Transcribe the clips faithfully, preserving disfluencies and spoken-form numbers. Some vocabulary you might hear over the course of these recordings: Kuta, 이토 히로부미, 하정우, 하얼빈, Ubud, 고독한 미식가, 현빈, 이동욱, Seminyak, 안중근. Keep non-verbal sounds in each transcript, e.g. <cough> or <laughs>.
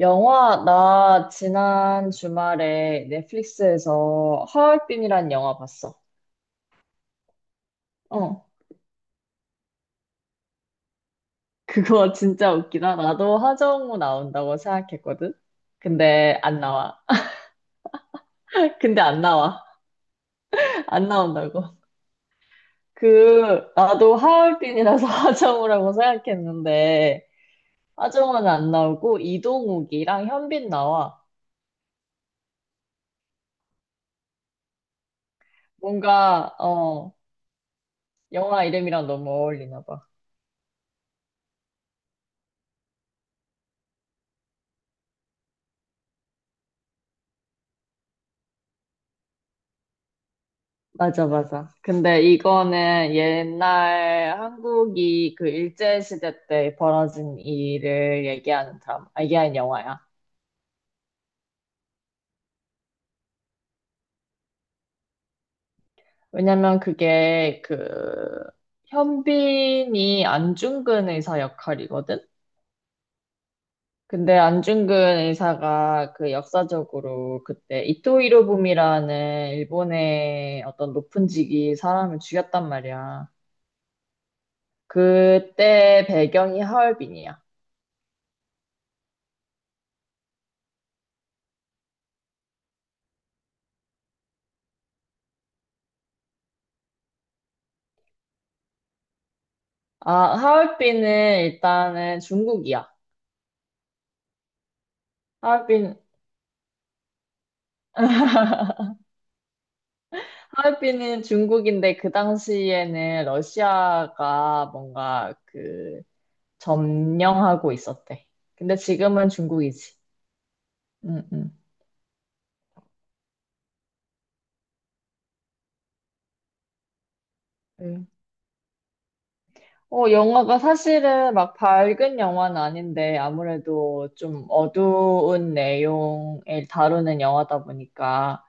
영화, 나 지난 주말에 넷플릭스에서 하얼빈이란 영화 봤어. 어, 그거 <laughs> 진짜 웃기다. 나도 하정우 나온다고 생각했거든. 근데 안 나와. <laughs> 근데 안 나와. 안 나온다고. 그, 나도 하얼빈이라서 <laughs> 하정우라고 생각했는데, 하정우는 안 나오고, 이동욱이랑 현빈 나와. 뭔가, 어, 영화 이름이랑 너무 어울리나 봐. 맞아, 맞아. 근데 이거는 옛날 한국이 그 일제시대 때 벌어진 일을 얘기하는 드라마, 아, 얘기하는 영화야. 왜냐면 그게 그 현빈이 안중근 의사 역할이거든? 근데 안중근 의사가 그 역사적으로 그때 이토 히로부미라는 일본의 어떤 높은 직위 사람을 죽였단 말이야. 그때 배경이 하얼빈이야. 아, 하얼빈은 일단은 중국이야. 하얼빈, 하얼빈은 중국인데 그 당시에는 러시아가 뭔가 그 점령하고 있었대. 근데 지금은 중국이지. 응, 응. 응. 어, 영화가 사실은 막 밝은 영화는 아닌데 아무래도 좀 어두운 내용을 다루는 영화다 보니까.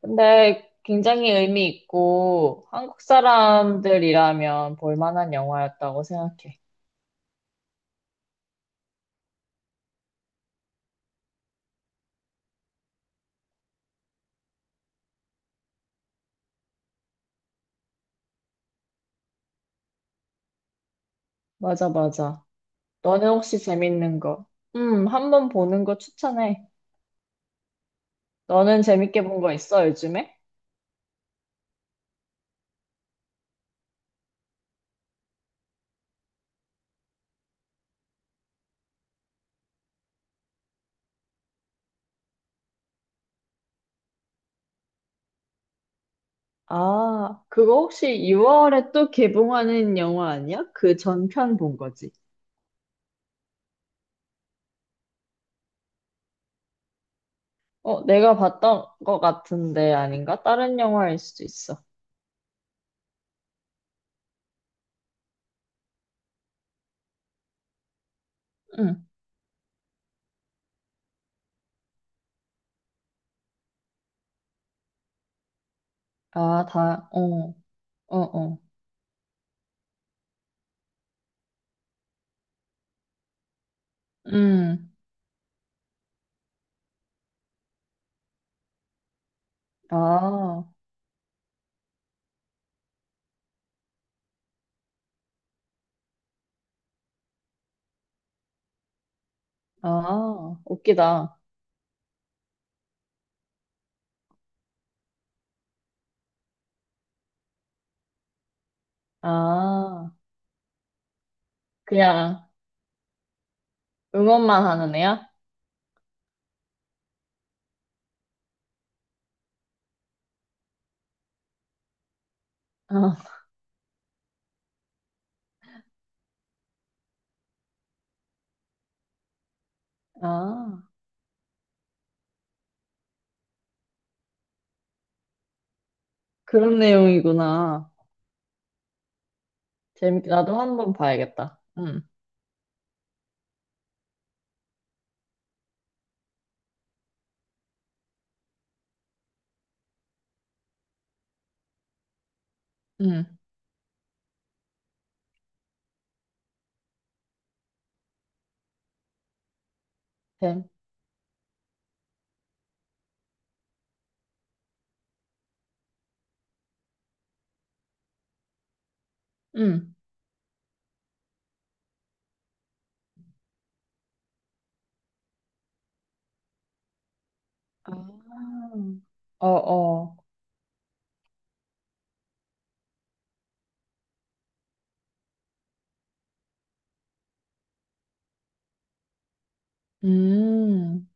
근데 굉장히 의미 있고 한국 사람들이라면 볼 만한 영화였다고 생각해. 맞아, 맞아. 너는 혹시 재밌는 거? 음, 한번 보는 거 추천해. 너는 재밌게 본 거 있어, 요즘에? 아, 그거 혹시 유월에 또 개봉하는 영화 아니야? 그 전편 본 거지. 어, 내가 봤던 거 같은데 아닌가? 다른 영화일 수도 있어. 응. 아, 다, 어, 어, 어. 음. 아, 아, 웃기다. 아, 그냥 응원만 하는 애야? 아, 아, 그런 내용이구나. 재밌게 나도 한 번 봐야겠다. 응, 응, 뱀. 응. 아, 어, 어. 음,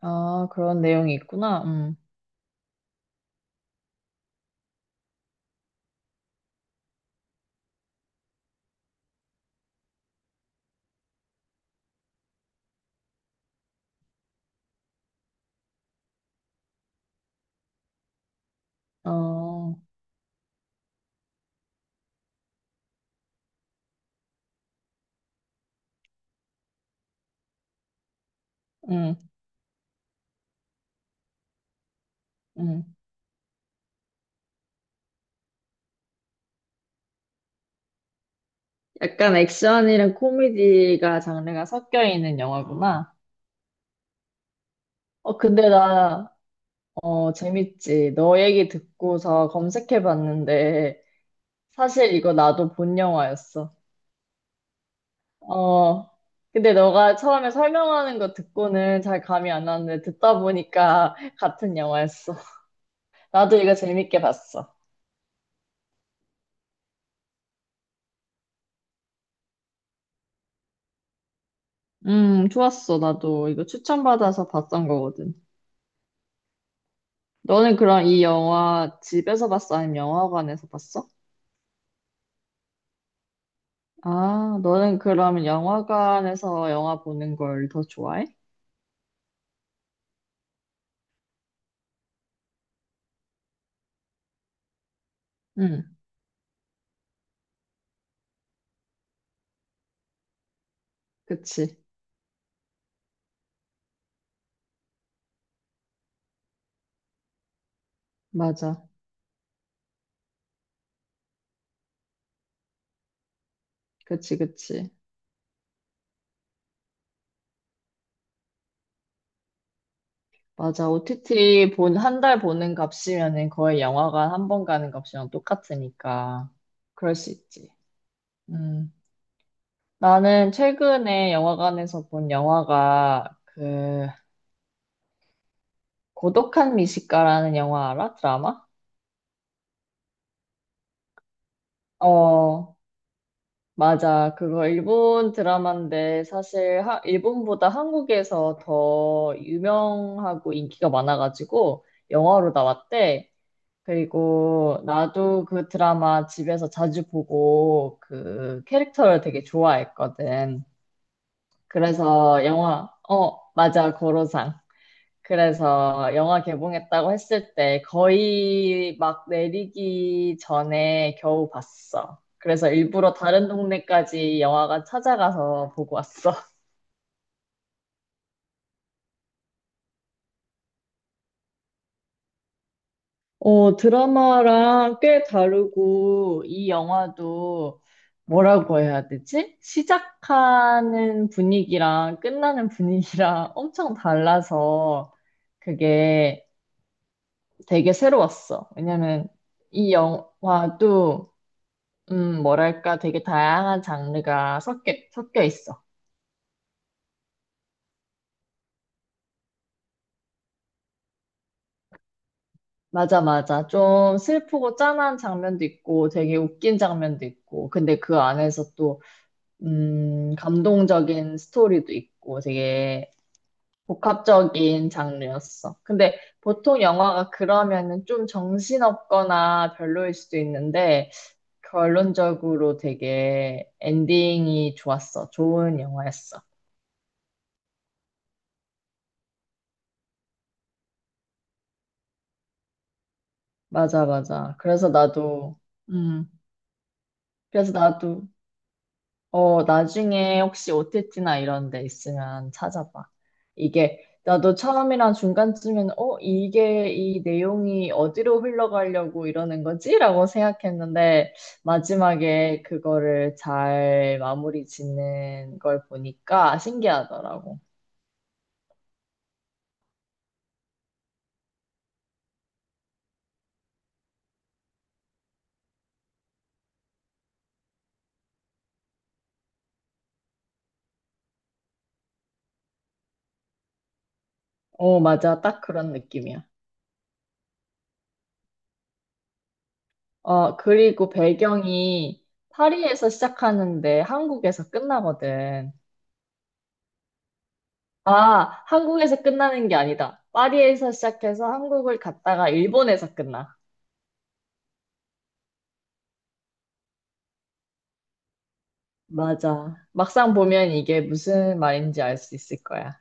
아, 그런 내용이 있구나. 음, 어, 음, 음. 약간 액션이랑 코미디가 장르가 섞여 있는 영화구나. 어, 근데 나, 어, 재밌지. 너 얘기 듣고서 검색해 봤는데, 사실 이거 나도 본 영화였어. 어, 근데 너가 처음에 설명하는 거 듣고는 잘 감이 안 왔는데 듣다 보니까 <laughs> 같은 영화였어. 나도 이거 재밌게 봤어. 음, 좋았어. 나도 이거 추천받아서 봤던 거거든. 너는 그럼 이 영화 집에서 봤어? 아니면 영화관에서 봤어? 아, 너는 그러면 영화관에서 영화 보는 걸 더 좋아해? 응, 그치. 맞아. 그치, 그치. 맞아. 오티티 본, 한 달 보는 값이면은 거의 영화관 한 번 가는 값이랑 똑같으니까. 그럴 수 있지. 음. 나는 최근에 영화관에서 본 영화가 그, 고독한 미식가라는 영화 알아? 드라마? 어, 맞아. 그거 일본 드라마인데 사실 하- 일본보다 한국에서 더 유명하고 인기가 많아가지고 영화로 나왔대. 그리고 나도 그 드라마 집에서 자주 보고 그 캐릭터를 되게 좋아했거든. 그래서 영화, 어, 맞아, 고로상. 그래서 영화 개봉했다고 했을 때 거의 막 내리기 전에 겨우 봤어. 그래서 일부러 다른 동네까지 영화관 찾아가서 보고 왔어. 어, 드라마랑 꽤 다르고, 이 영화도 뭐라고 해야 되지? 시작하는 분위기랑 끝나는 분위기랑 <laughs> 엄청 달라서 그게 되게 새로웠어. 왜냐면 이 영화도, 음, 뭐랄까, 되게 다양한 장르가 섞여, 섞여 있어. 맞아, 맞아. 좀 슬프고 짠한 장면도 있고, 되게 웃긴 장면도 있고, 근데 그 안에서 또 음, 감동적인 스토리도 있고 되게 복합적인 장르였어. 근데 보통 영화가 그러면은 좀 정신없거나 별로일 수도 있는데 결론적으로 되게 엔딩이 좋았어. 좋은 영화였어. 맞아, 맞아. 그래서 나도, 음, 그래서 나도 어, 나중에 혹시 오티티나 이런 데 있으면 찾아봐. 이게, 나도 처음이랑 중간쯤에는, 어, 이게 이 내용이 어디로 흘러가려고 이러는 거지? 라고 생각했는데, 마지막에 그거를 잘 마무리 짓는 걸 보니까 신기하더라고. 어, 맞아. 딱 그런 느낌이야. 어, 그리고 배경이 파리에서 시작하는데 한국에서 끝나거든. 아, 한국에서 끝나는 게 아니다. 파리에서 시작해서 한국을 갔다가 일본에서 끝나. 맞아. 막상 보면 이게 무슨 말인지 알 수 있을 거야.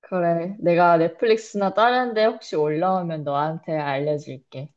그래. 내가 넷플릭스나 다른 데 혹시 올라오면 너한테 알려줄게.